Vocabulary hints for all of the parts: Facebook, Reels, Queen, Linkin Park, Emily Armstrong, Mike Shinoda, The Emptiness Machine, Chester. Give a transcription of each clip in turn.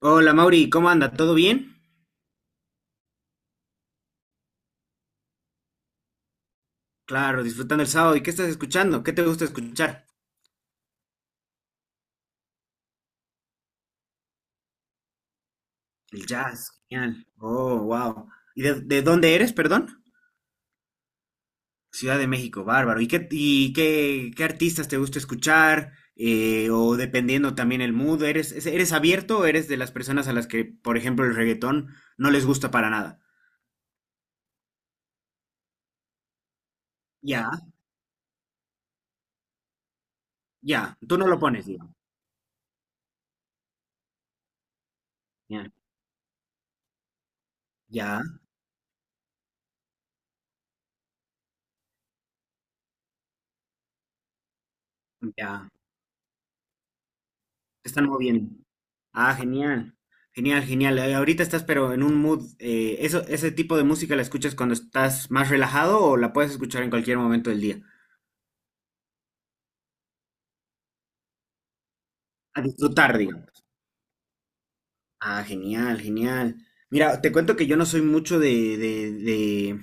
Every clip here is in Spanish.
Hola Mauri, ¿cómo anda? ¿Todo bien? Claro, disfrutando el sábado. ¿Y qué estás escuchando? ¿Qué te gusta escuchar? El jazz, genial. Oh, wow. ¿Y de dónde eres, perdón? Ciudad de México, bárbaro. Y qué, qué artistas te gusta escuchar? O dependiendo también el mood, ¿eres, eres abierto o eres de las personas a las que, por ejemplo, el reggaetón no les gusta para nada? Ya, ya. Tú no lo pones, digo. Ya, ya, ya. Te están moviendo. Ah, genial. Genial, genial. Ahorita estás pero en un mood. Eso, ¿ese tipo de música la escuchas cuando estás más relajado o la puedes escuchar en cualquier momento del día? A disfrutar, digo. Ah, genial, genial. Mira, te cuento que yo no soy mucho de,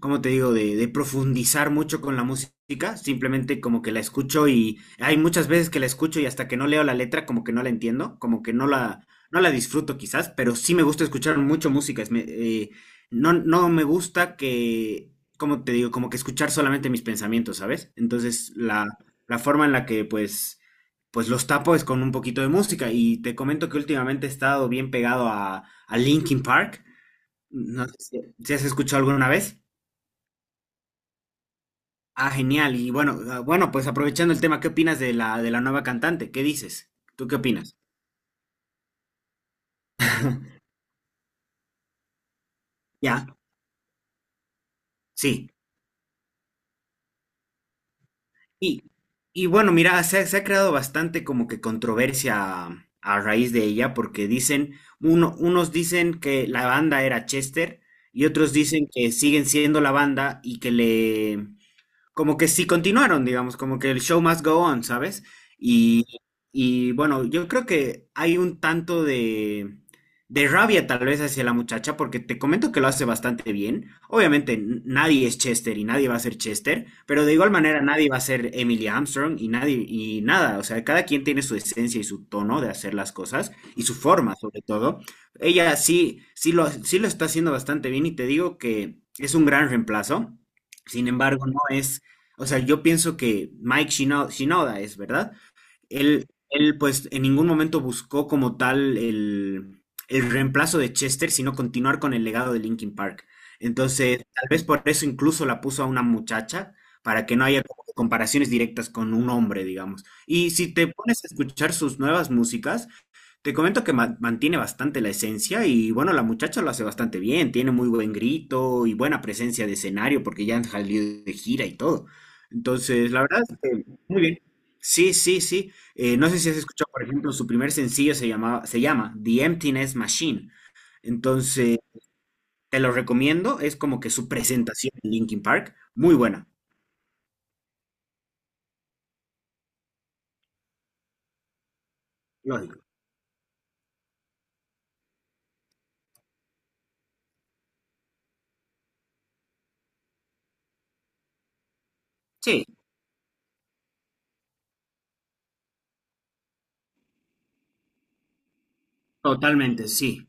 ¿cómo te digo? De profundizar mucho con la música, simplemente como que la escucho y hay muchas veces que la escucho y hasta que no leo la letra como que no la entiendo, como que no la, no la disfruto quizás, pero sí me gusta escuchar mucho música. No me gusta que, ¿cómo te digo? Como que escuchar solamente mis pensamientos, ¿sabes? Entonces, la forma en la que pues los tapo es con un poquito de música. Y te comento que últimamente he estado bien pegado a Linkin Park. No sé si, si has escuchado alguna vez. Ah, genial. Y bueno, ah, bueno, pues aprovechando el tema, ¿qué opinas de la nueva cantante? ¿Qué dices? ¿Tú qué opinas? Ya, sí. Y, y bueno, mira, se ha creado bastante como que controversia a, raíz de ella, porque dicen, unos dicen que la banda era Chester y otros dicen que siguen siendo la banda y que le, como que sí continuaron, digamos, como que el show must go on, ¿sabes? Y, y bueno, yo creo que hay un tanto de rabia tal vez hacia la muchacha, porque te comento que lo hace bastante bien. Obviamente nadie es Chester y nadie va a ser Chester, pero de igual manera nadie va a ser Emily Armstrong y nadie, y nada, o sea, cada quien tiene su esencia y su tono de hacer las cosas y su forma sobre todo. Ella sí, sí lo está haciendo bastante bien y te digo que es un gran reemplazo. Sin embargo, no es, o sea, yo pienso que Mike Shinoda es, ¿verdad? Él, pues, en ningún momento buscó como tal el reemplazo de Chester, sino continuar con el legado de Linkin Park. Entonces, tal vez por eso incluso la puso a una muchacha, para que no haya como que comparaciones directas con un hombre, digamos. Y si te pones a escuchar sus nuevas músicas, te comento que mantiene bastante la esencia y bueno, la muchacha lo hace bastante bien, tiene muy buen grito y buena presencia de escenario porque ya han salido de gira y todo. Entonces, la verdad, muy bien. Sí, sí, sí. No sé si has escuchado, por ejemplo, su primer sencillo se llamaba, se llama The Emptiness Machine. Entonces, te lo recomiendo, es como que su presentación en Linkin Park, muy buena. Lógico. Sí, totalmente, sí.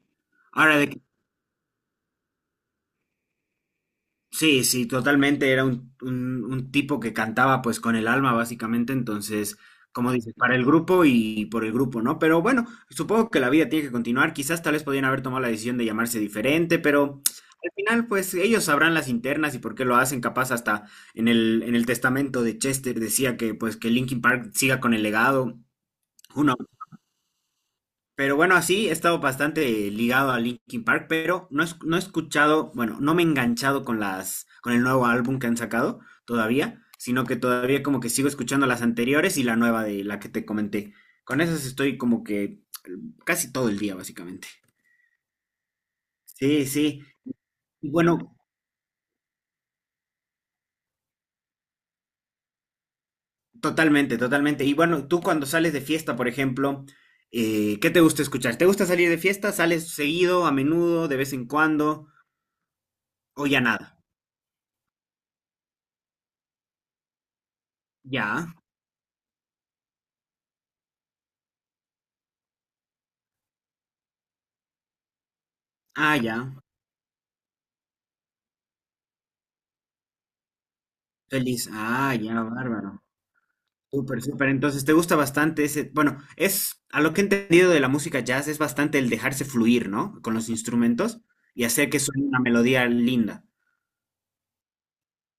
Ahora, de que. Sí, sí, totalmente. Era un tipo que cantaba pues con el alma, básicamente. Entonces, como dices, para el grupo y por el grupo, ¿no? Pero bueno, supongo que la vida tiene que continuar. Quizás tal vez podían haber tomado la decisión de llamarse diferente, pero al final, pues ellos sabrán las internas y por qué lo hacen. Capaz hasta en el testamento de Chester decía que pues que Linkin Park siga con el legado. Uno. Pero bueno, así he estado bastante ligado a Linkin Park, pero no, no he escuchado, bueno, no me he enganchado con las, con el nuevo álbum que han sacado todavía, sino que todavía como que sigo escuchando las anteriores y la nueva de la que te comenté. Con esas estoy como que casi todo el día, básicamente. Sí, sí. Y bueno, totalmente, totalmente. Y bueno, tú cuando sales de fiesta, por ejemplo, ¿qué te gusta escuchar? ¿Te gusta salir de fiesta? ¿Sales seguido, a menudo, de vez en cuando? ¿O ya nada? Ya. Ah, ya. Feliz. Ah, ya, bárbaro. Súper, súper. Entonces, ¿te gusta bastante ese? Bueno, es, a lo que he entendido de la música jazz, es bastante el dejarse fluir, ¿no? Con los instrumentos y hacer que suene una melodía linda.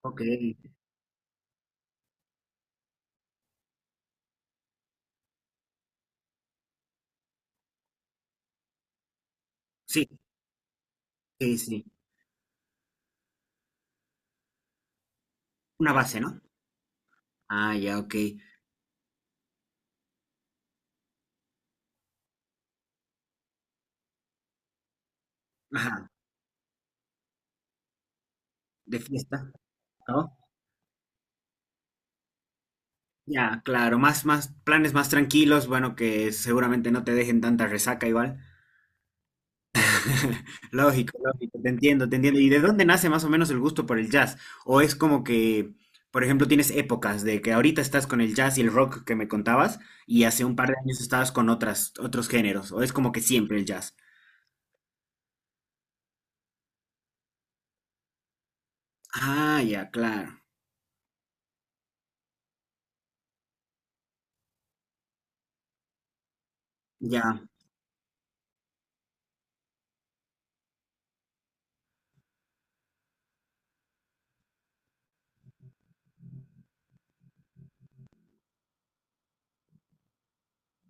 Ok. Sí, sí, sí. Una base, ¿no? Ah, ya, ok. Ajá, de fiesta, ¿no? Ya, claro, más, más, planes más tranquilos, bueno, que seguramente no te dejen tanta resaca igual. Lógico, lógico, te entiendo, te entiendo. ¿Y de dónde nace más o menos el gusto por el jazz? ¿O es como que, por ejemplo, tienes épocas de que ahorita estás con el jazz y el rock que me contabas y hace un par de años estabas con otras, otros géneros? ¿O es como que siempre el jazz? Ah, ya, claro, ya,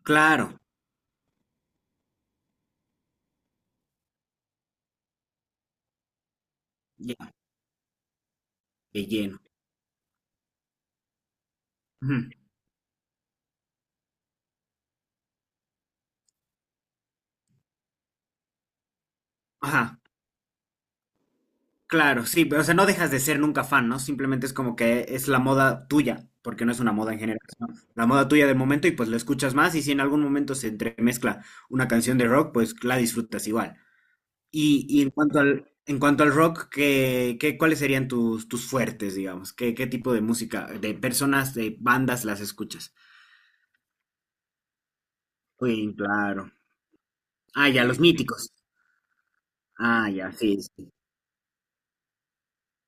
claro, ya, de lleno. Ujú. Ajá. Claro, sí, pero o sea, no dejas de ser nunca fan, ¿no? Simplemente es como que es la moda tuya, porque no es una moda en general, sino la moda tuya del momento y pues lo escuchas más y si en algún momento se entremezcla una canción de rock, pues la disfrutas igual. Y en cuanto al rock, ¿qué, qué- cuáles serían tus, tus fuertes, digamos? ¿Qué, qué tipo de música, de personas, de bandas las escuchas? Queen, claro. Ah, ya, los míticos. Ah, ya, sí, sí.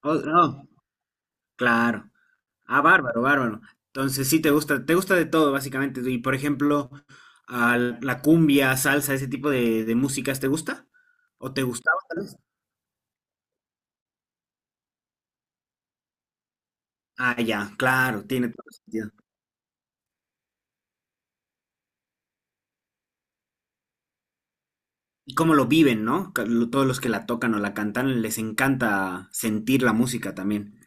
Oh, oh, claro. Ah, bárbaro, bárbaro. Entonces sí te gusta de todo, básicamente. Y por ejemplo, a la cumbia, salsa, ese tipo de músicas, ¿te gusta? ¿O te gustaba tal vez? Ah, ya, claro, tiene todo sentido. Y cómo lo viven, ¿no? Todos los que la tocan o la cantan, les encanta sentir la música también.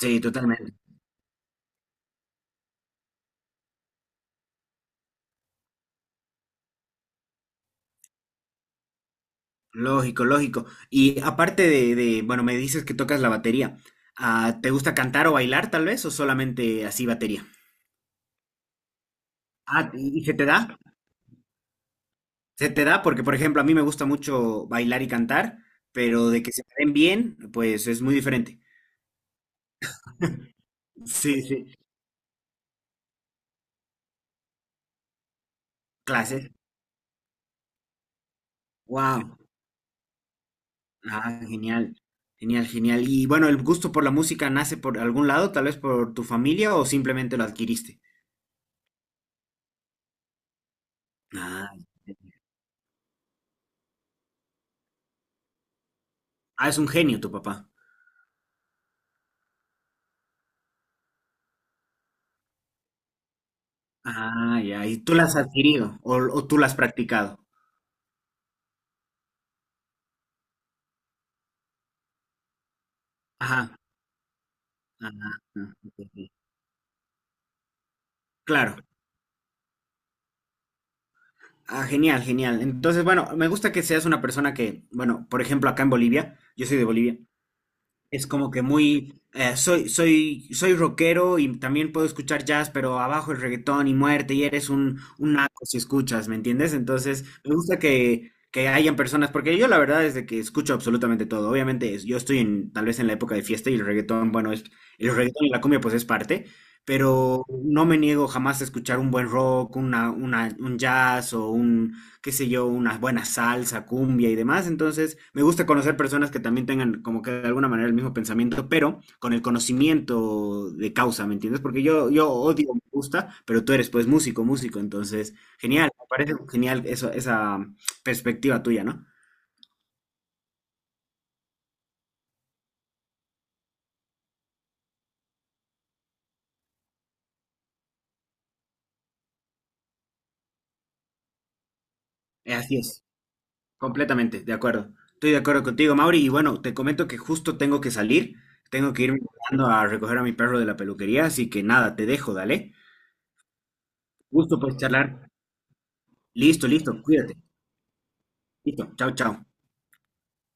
Sí, totalmente. Lógico, lógico. Y aparte de, bueno, me dices que tocas la batería. Ah, ¿te gusta cantar o bailar tal vez? ¿O solamente así batería? Ah, y se te da? Se te da porque, por ejemplo, a mí me gusta mucho bailar y cantar, pero de que se me den bien, pues es muy diferente. Sí, sí. Clases. Wow. Ah, genial. Genial, genial. Y bueno, ¿el gusto por la música nace por algún lado, tal vez por tu familia o simplemente lo adquiriste? Ah, ah, es un genio tu papá. Ah, ya. ¿Y tú lo has adquirido o tú lo has practicado? Ajá. Ajá. Ajá, ok, ok. Claro. Ah, genial, genial. Entonces, bueno, me gusta que seas una persona que, bueno, por ejemplo, acá en Bolivia, yo soy de Bolivia, es como que muy, soy, soy, soy rockero y también puedo escuchar jazz, pero abajo es reggaetón y muerte y eres un naco si escuchas, ¿me entiendes? Entonces, me gusta que hayan personas, porque yo la verdad es de que escucho absolutamente todo. Obviamente, yo estoy en, tal vez en la época de fiesta y el reggaetón, bueno, es, el reggaetón y la cumbia pues es parte, pero no me niego jamás a escuchar un buen rock, una, un jazz o un qué sé yo, una buena salsa, cumbia y demás. Entonces, me gusta conocer personas que también tengan como que de alguna manera el mismo pensamiento, pero con el conocimiento de causa, ¿me entiendes? Porque yo odio, me gusta, pero tú eres pues músico, músico, entonces, genial, me parece genial eso, esa perspectiva tuya, ¿no? Así es, completamente, de acuerdo. Estoy de acuerdo contigo, Mauri, y bueno, te comento que justo tengo que salir, tengo que irme corriendo a recoger a mi perro de la peluquería, así que nada, te dejo, dale. Gusto pues charlar. Listo, listo, cuídate. Listo, chao, chao.